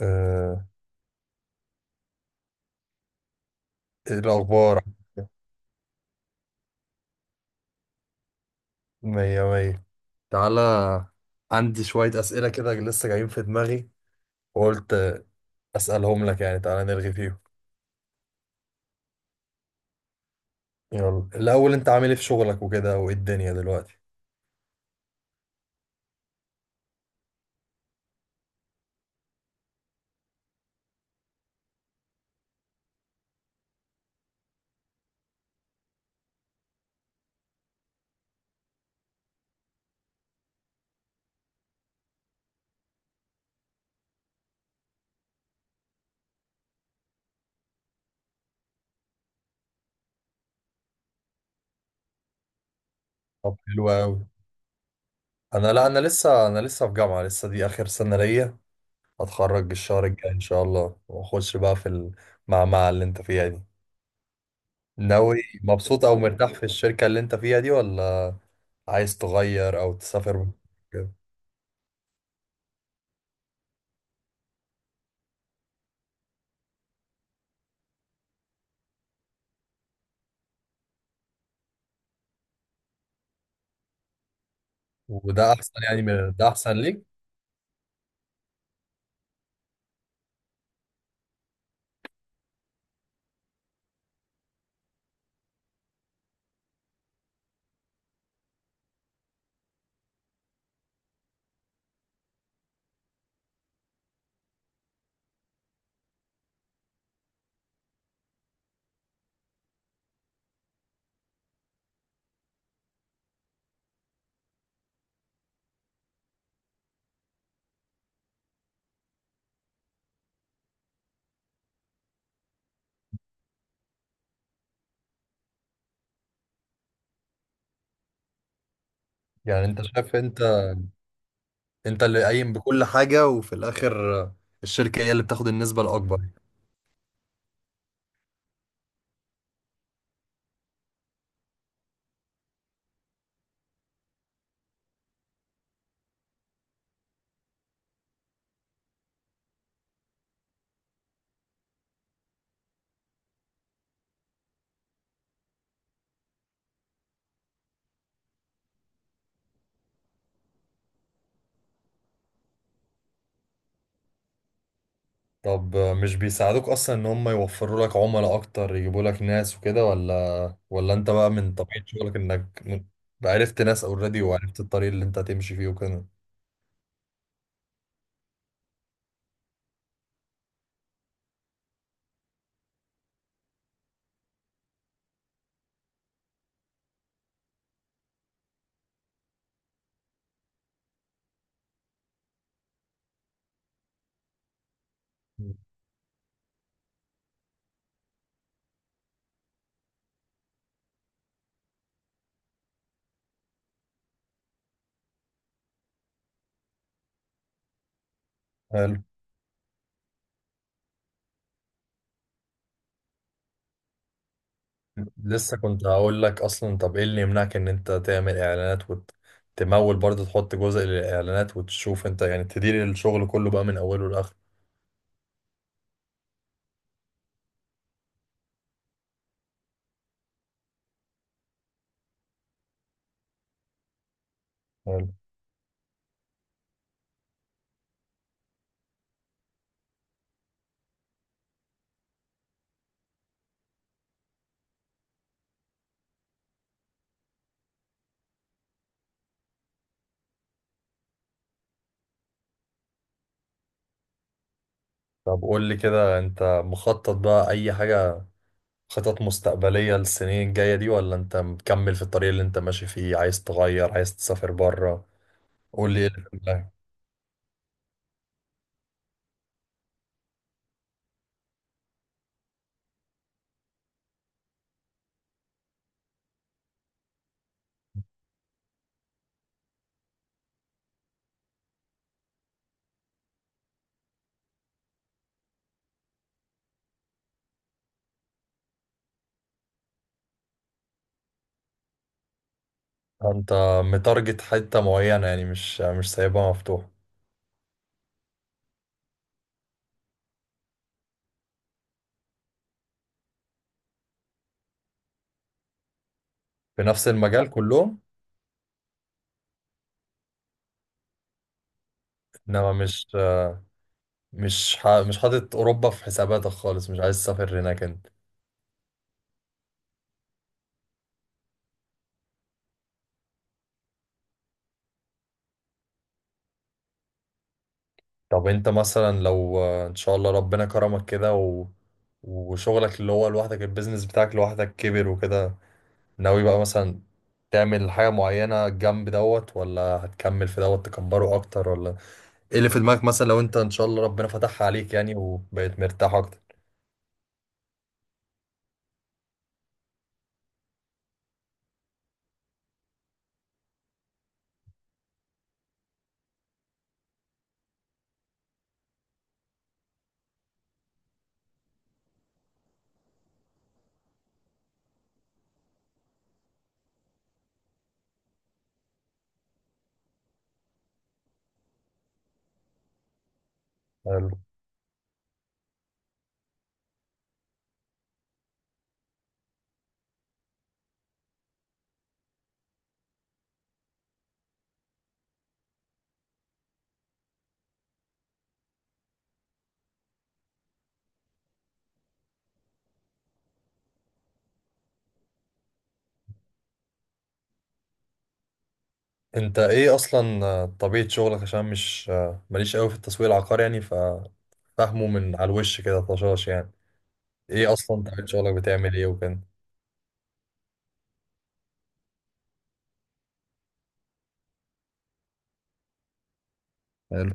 آه، إيه الأخبار؟ مية مية. تعالى، عندي شوية أسئلة كده لسه جايين في دماغي وقلت أسألهم لك، يعني تعالى نرغي فيهم. يلا، الأول أنت عامل إيه في شغلك وكده، وإيه الدنيا دلوقتي؟ طب حلو أوي. أنا لا أنا لسه أنا لسه في جامعة، لسه دي آخر سنة ليا. هتخرج الشهر الجاي إن شاء الله وأخش بقى في المعمعة اللي أنت فيها دي. ناوي، مبسوط أو مرتاح في الشركة اللي أنت فيها دي، ولا عايز تغير أو تسافر كده؟ وده احسن، يعني ده احسن ليك. يعني انت شايف، انت اللي قايم بكل حاجة، وفي الاخر الشركة هي اللي بتاخد النسبة الاكبر. طب، مش بيساعدوك اصلا ان هم يوفروا لك عملاء اكتر، يجيبوا لك ناس وكده، ولا انت بقى من طبيعة شغلك انك عرفت ناس اوريدي، وعرفت الطريق اللي انت هتمشي فيه وكده؟ حلو. لسه كنت هقول لك اصلا، طب ايه اللي يمنعك ان انت تعمل اعلانات وتمول برضه، تحط جزء للاعلانات وتشوف انت، يعني تدير الشغل كله بقى من اوله لاخره. طب قول لي كده، انت مخطط بقى اي حاجة، خطط مستقبلية للسنين الجاية دي، ولا انت مكمل في الطريق اللي انت ماشي فيه؟ عايز تغير، عايز تسافر بره؟ قول لي ايه اللي في دماغك. انت متارجت حتة معينة يعني، مش مش سايبها مفتوحة؟ في نفس المجال كلهم؟ انما مش حاطط اوروبا في حساباتك خالص؟ مش عايز تسافر هناك انت؟ طب انت مثلا لو ان شاء الله ربنا كرمك كده، و... وشغلك اللي هو لوحدك، البيزنس بتاعك لوحدك كبر وكده، ناوي بقى مثلا تعمل حاجة معينة جنب دوت، ولا هتكمل في دوت تكبره أكتر؟ ولا إيه اللي في دماغك مثلا لو أنت إن شاء الله ربنا فتحها عليك يعني وبقيت مرتاح أكتر؟ حلو. أنت إيه أصلا طبيعة شغلك، عشان مش ماليش قوي في التسويق العقاري، يعني ففهمه من على الوش كده طشاش يعني. إيه أصلا طبيعة شغلك، بتعمل إيه وكده؟ حلو.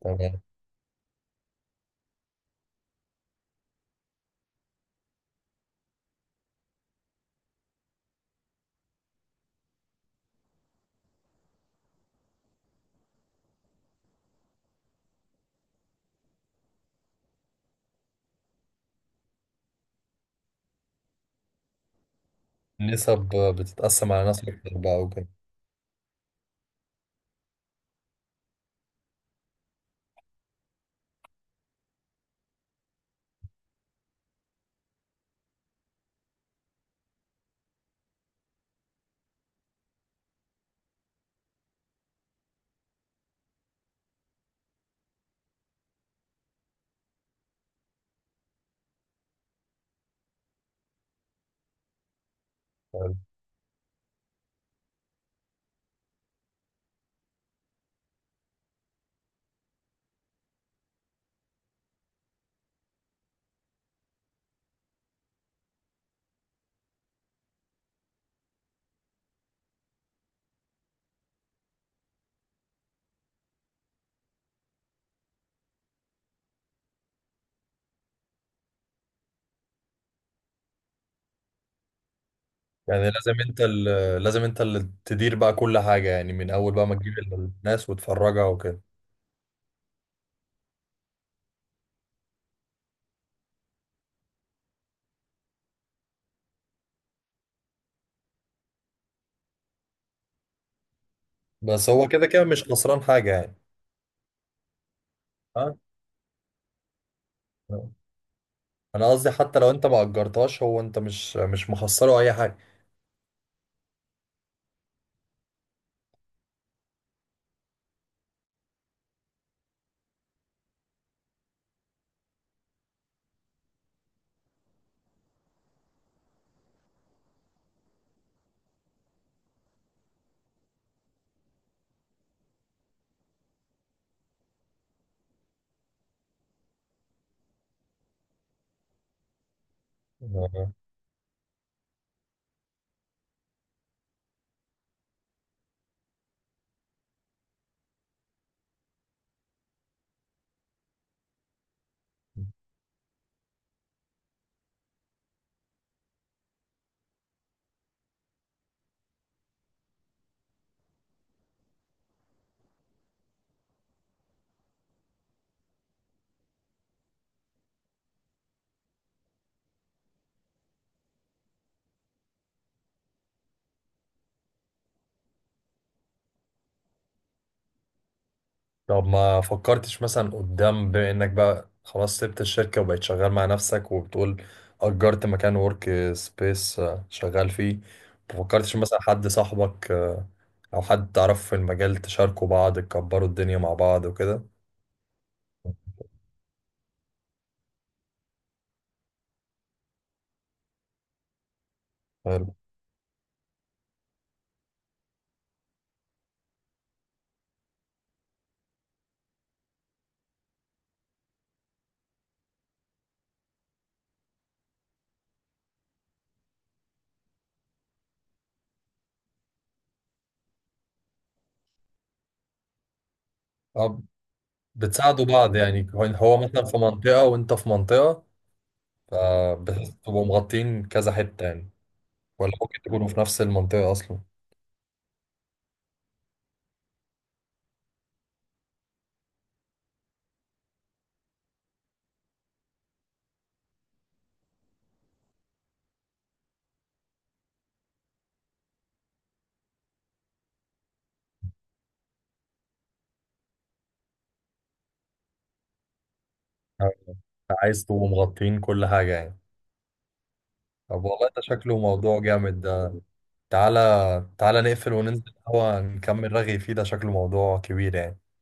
تمام. النسب بتتقسم على ناس أكتر بقى وكده؟ حلو. يعني لازم انت اللي تدير بقى كل حاجة، يعني من اول بقى ما تجيب الناس وتفرجها وكده؟ بس هو كده كده مش خسران حاجة يعني. ها. انا قصدي حتى لو انت ما اجرتهاش، هو انت مش مخسره اي حاجة. آه. طب ما فكرتش مثلا قدام، بما انك بقى خلاص سبت الشركة وبقيت شغال مع نفسك، وبتقول اجرت مكان ورك سبيس شغال فيه، ما فكرتش مثلا حد صاحبك او حد تعرفه في المجال، تشاركوا بعض، تكبروا الدنيا مع بعض وكده؟ حلو. اه، بتساعدوا بعض يعني، هو مثلا في منطقة وانت في منطقة، فبتبقوا مغطين كذا حتة يعني؟ ولا ممكن تكونوا في نفس المنطقة أصلا؟ عايز تبقوا مغطين كل حاجة يعني؟ طب والله ده شكله موضوع جامد ده. تعالى، تعالى نقفل وننزل هو، نكمل رغي فيه، ده شكله موضوع كبير يعني.